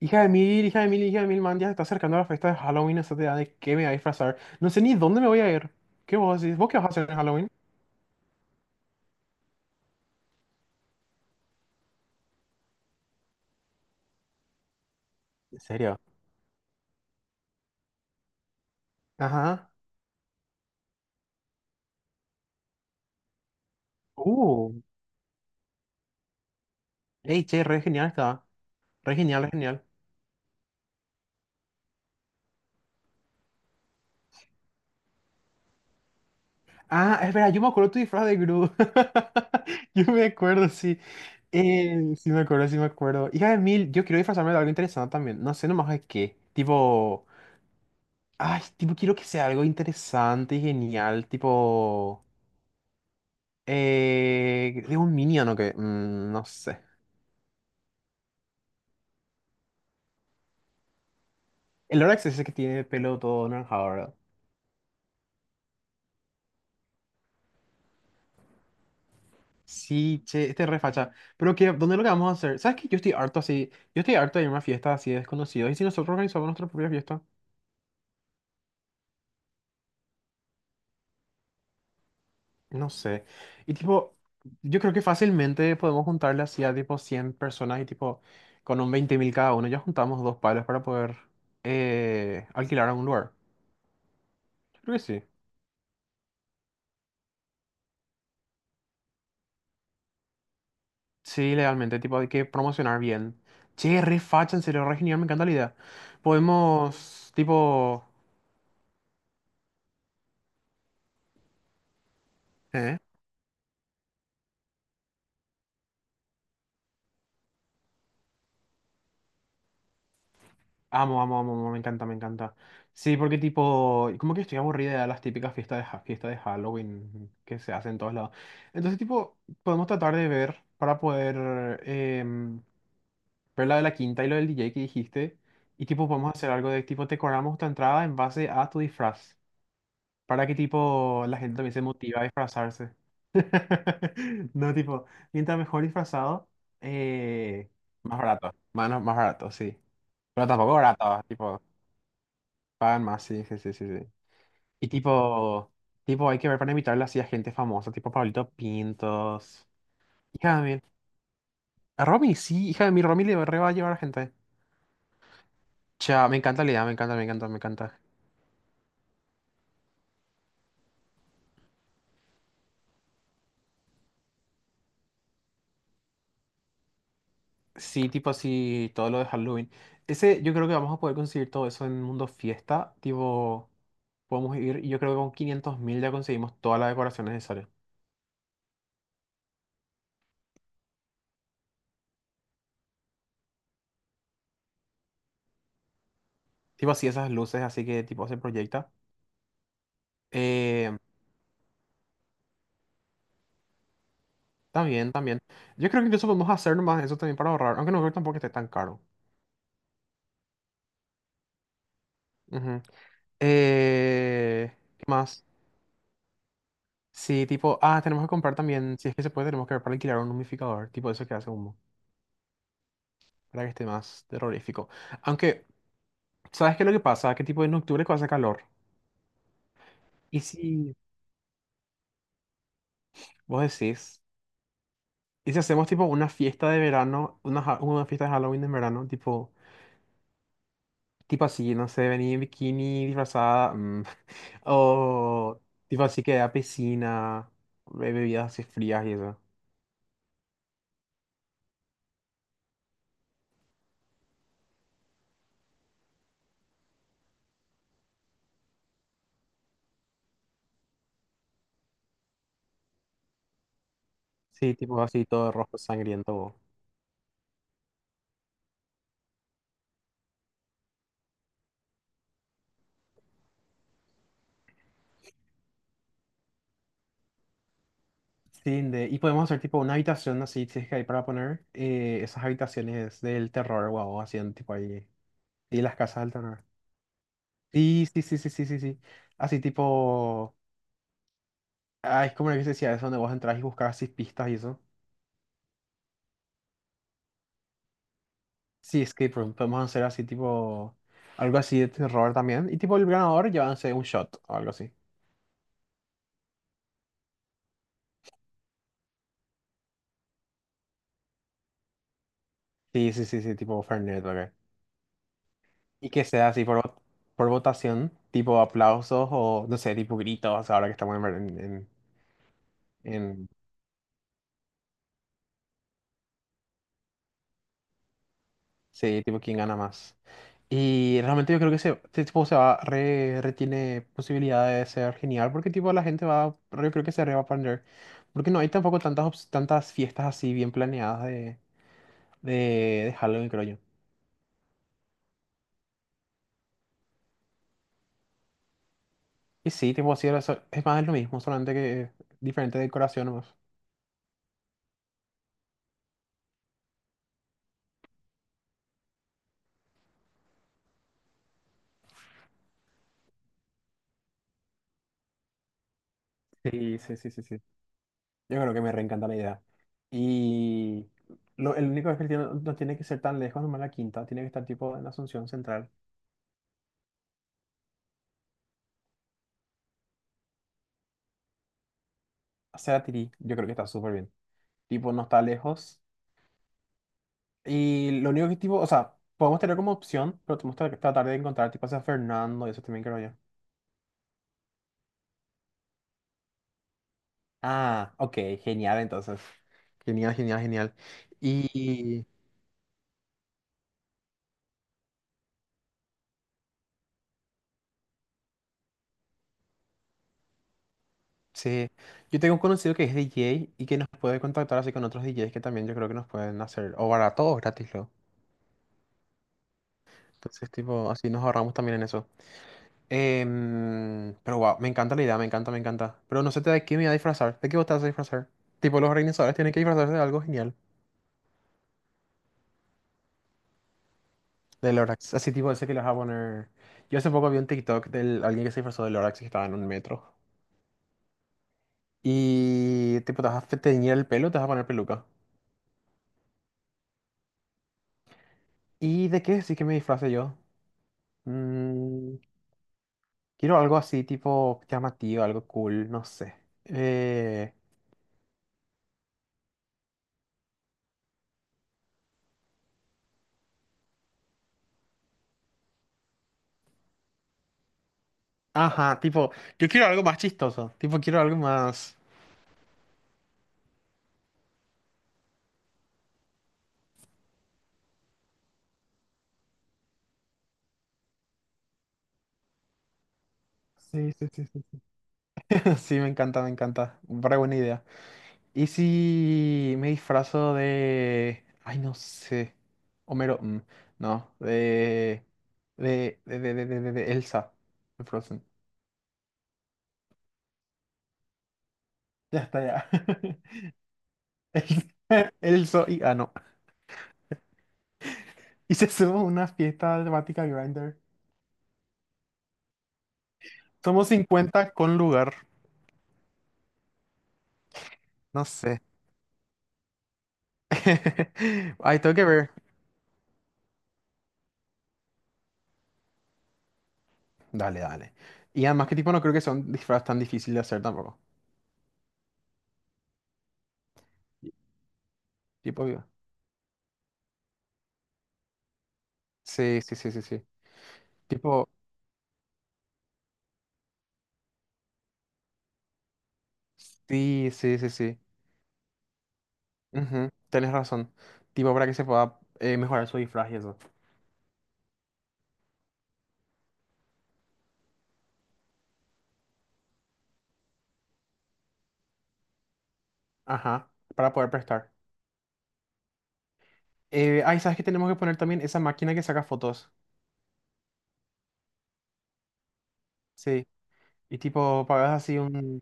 Hija de mil, hija de mil, hija de mil, man, ya se está acercando la fiesta de Halloween, esa te da de qué me voy a disfrazar. No sé ni dónde me voy a ir. ¿Qué vos decís? ¿Vos qué vas a hacer en Halloween? ¿En serio? Ajá. Uh. Ey, che, re genial está. Re genial, re genial. Ah, espera, yo me acuerdo tu disfraz de Gru. Yo me acuerdo, sí. Sí me acuerdo, sí me acuerdo. Hija de mil, yo quiero disfrazarme de algo interesante también. No sé nomás de qué. Tipo... Ay, tipo, quiero que sea algo interesante y genial. Tipo... Es un minion o qué. No sé. El Orax es ese que tiene pelo todo naranjado, ¿verdad? Sí, che, este es re facha. Pero que, ¿dónde lo que vamos a hacer? ¿Sabes que yo estoy harto así? Yo estoy harto de ir a una fiesta así de desconocidos. ¿Y si nosotros organizamos nuestra propia fiesta? No sé. Y tipo, yo creo que fácilmente podemos juntarle así a tipo 100 personas y tipo, con un 20.000 cada uno, ya juntamos dos palos para poder alquilar a un lugar. Yo creo que sí. Sí, legalmente, tipo, hay que promocionar bien. Che, re facha, en serio, re genial, me encanta la idea. Podemos, tipo... ¿Eh? Amo, amo, amo, amo, me encanta, me encanta. Sí, porque tipo, como que estoy aburrida de las típicas fiestas de, fiestas de Halloween que se hacen en todos lados. Entonces, tipo, podemos tratar de ver para poder ver la de la quinta y lo del DJ que dijiste. Y tipo, podemos hacer algo de tipo, decoramos tu entrada en base a tu disfraz, para que tipo la gente también se motiva a disfrazarse. No, tipo, mientras mejor disfrazado, eh, más barato, más, no, más barato, sí. Pero tampoco barato, tipo, pagan más, sí, sí, sí, sí, sí. Y tipo, tipo, hay que ver para invitarle así a gente famosa, tipo Pablito Pintos. Hija de mí. A Romy, sí, hija de mí, Romy le re va a llevar a gente. Chao, me encanta la idea, me encanta, me encanta, me encanta. Sí, tipo así, todo lo de Halloween. Ese, yo creo que vamos a poder conseguir todo eso en Mundo Fiesta. Tipo, podemos ir, y yo creo que con 500 mil ya conseguimos toda la decoración necesaria. Tipo así, esas luces, así que tipo se proyecta. Eh, También, también. Yo creo que incluso podemos hacer más eso también para ahorrar, aunque no creo tampoco que esté tan caro. Ujú. Eh, ¿Qué más? Sí, tipo, ah, tenemos que comprar también, si es que se puede, tenemos que ver para alquilar un humidificador tipo eso que hace humo, para que esté más terrorífico. Aunque ¿sabes qué es lo que pasa? Que tipo en octubre que hace calor. ¿Y si vos decís? ¿Y si hacemos tipo una fiesta de verano, una, una fiesta de Halloween en verano? Tipo, tipo así, no sé, venir en bikini, disfrazada, o tipo así que a piscina, bebidas así frías y eso. Sí, tipo así todo rojo sangriento. Sí, y podemos hacer tipo una habitación así, si es que hay para poner esas habitaciones del terror, guau, así en tipo ahí. Y las casas del terror. Sí, sí, sí, sí, sí, sí, sí. Así tipo. Ah, es como lo que se decía, eso donde vos entras y buscas así pistas y eso. Sí, escape room. Podemos hacer así tipo. Algo así de terror también. Y tipo el ganador llévanse un shot o algo así. Sí, sí, sí, sí, tipo Fernet, ok. Y que sea así por, por votación, tipo aplausos o no sé, tipo gritos, ahora que estamos en, en Sí, tipo quién gana más. Y realmente yo creo que ese, este tipo se va, re, re tiene posibilidad de ser genial porque tipo la gente va, yo creo que se re va a aprender. Porque no hay tampoco tantas, tantas fiestas así bien planeadas de, de, de Halloween, creo yo. Y sí, tipo así, era es más es lo mismo, solamente que diferente decoración nomás. Sí, sí, sí, sí, sí. Yo creo que me reencanta la idea. Y lo, el único es que no tiene que ser tan lejos, nomás la quinta. Tiene que estar tipo en Asunción Central. Hacia Tirí, yo creo que está súper bien. Tipo, no está lejos. Y lo único que tipo, o sea, podemos tener como opción, pero tenemos que tratar de encontrar tipo a Fernando y eso también creo yo. Ah, ok, genial entonces. Genial, genial, genial. Y sí, yo tengo un conocido que es DJ y que nos puede contactar así con otros DJs que también yo creo que nos pueden hacer, o barato o gratis luego. Entonces, tipo, así nos ahorramos también en eso. Pero wow, me encanta la idea, me encanta, me encanta. Pero no sé de qué me voy a disfrazar, de qué vos te vas a disfrazar. Tipo, los organizadores tienen que disfrazarse de algo genial. De Lorax. Así tipo, ese que los va a poner. Yo hace poco vi un TikTok de alguien que se disfrazó de Lorax y que estaba en un metro. Y tipo, te vas a teñir el pelo, te vas a poner peluca. ¿Y de qué sí que me disfrace yo? Mm, Quiero algo así, tipo llamativo, algo cool, no sé. Eh, ajá, tipo, yo quiero algo más chistoso. Tipo, quiero algo más. Sí, sí, sí, sí. Sí. Sí, me encanta, me encanta. Para buena idea. ¿Y si me disfrazo de...? Ay, no sé. Homero... no, de... De Elsa. De Frozen. Ya está, ya. Elsa, Elsa y... Ah, no. Y se suma una fiesta temática Grinder. Somos 50 con lugar. No sé. Ay, tengo que ver. Dale, dale. Y además que tipo no creo que sea un disfraz tan difícil de hacer tampoco. Tipo, digo, sí, sí, sí, sí, sí. Tipo, sí, sí, sí, sí. Ujú, tenés razón. Tipo, para que se pueda mejorar su disfraz y eso. Ajá, para poder prestar. Ay, ¿sabes qué tenemos que poner también? Esa máquina que saca fotos. Sí. Y tipo, pagas así un...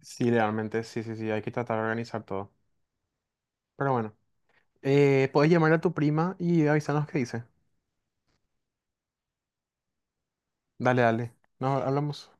Sí, realmente, sí, sí, sí, hay que tratar de organizar todo. Pero bueno, puedes llamar a tu prima y avisarnos qué dice. Dale, dale. Nos hablamos.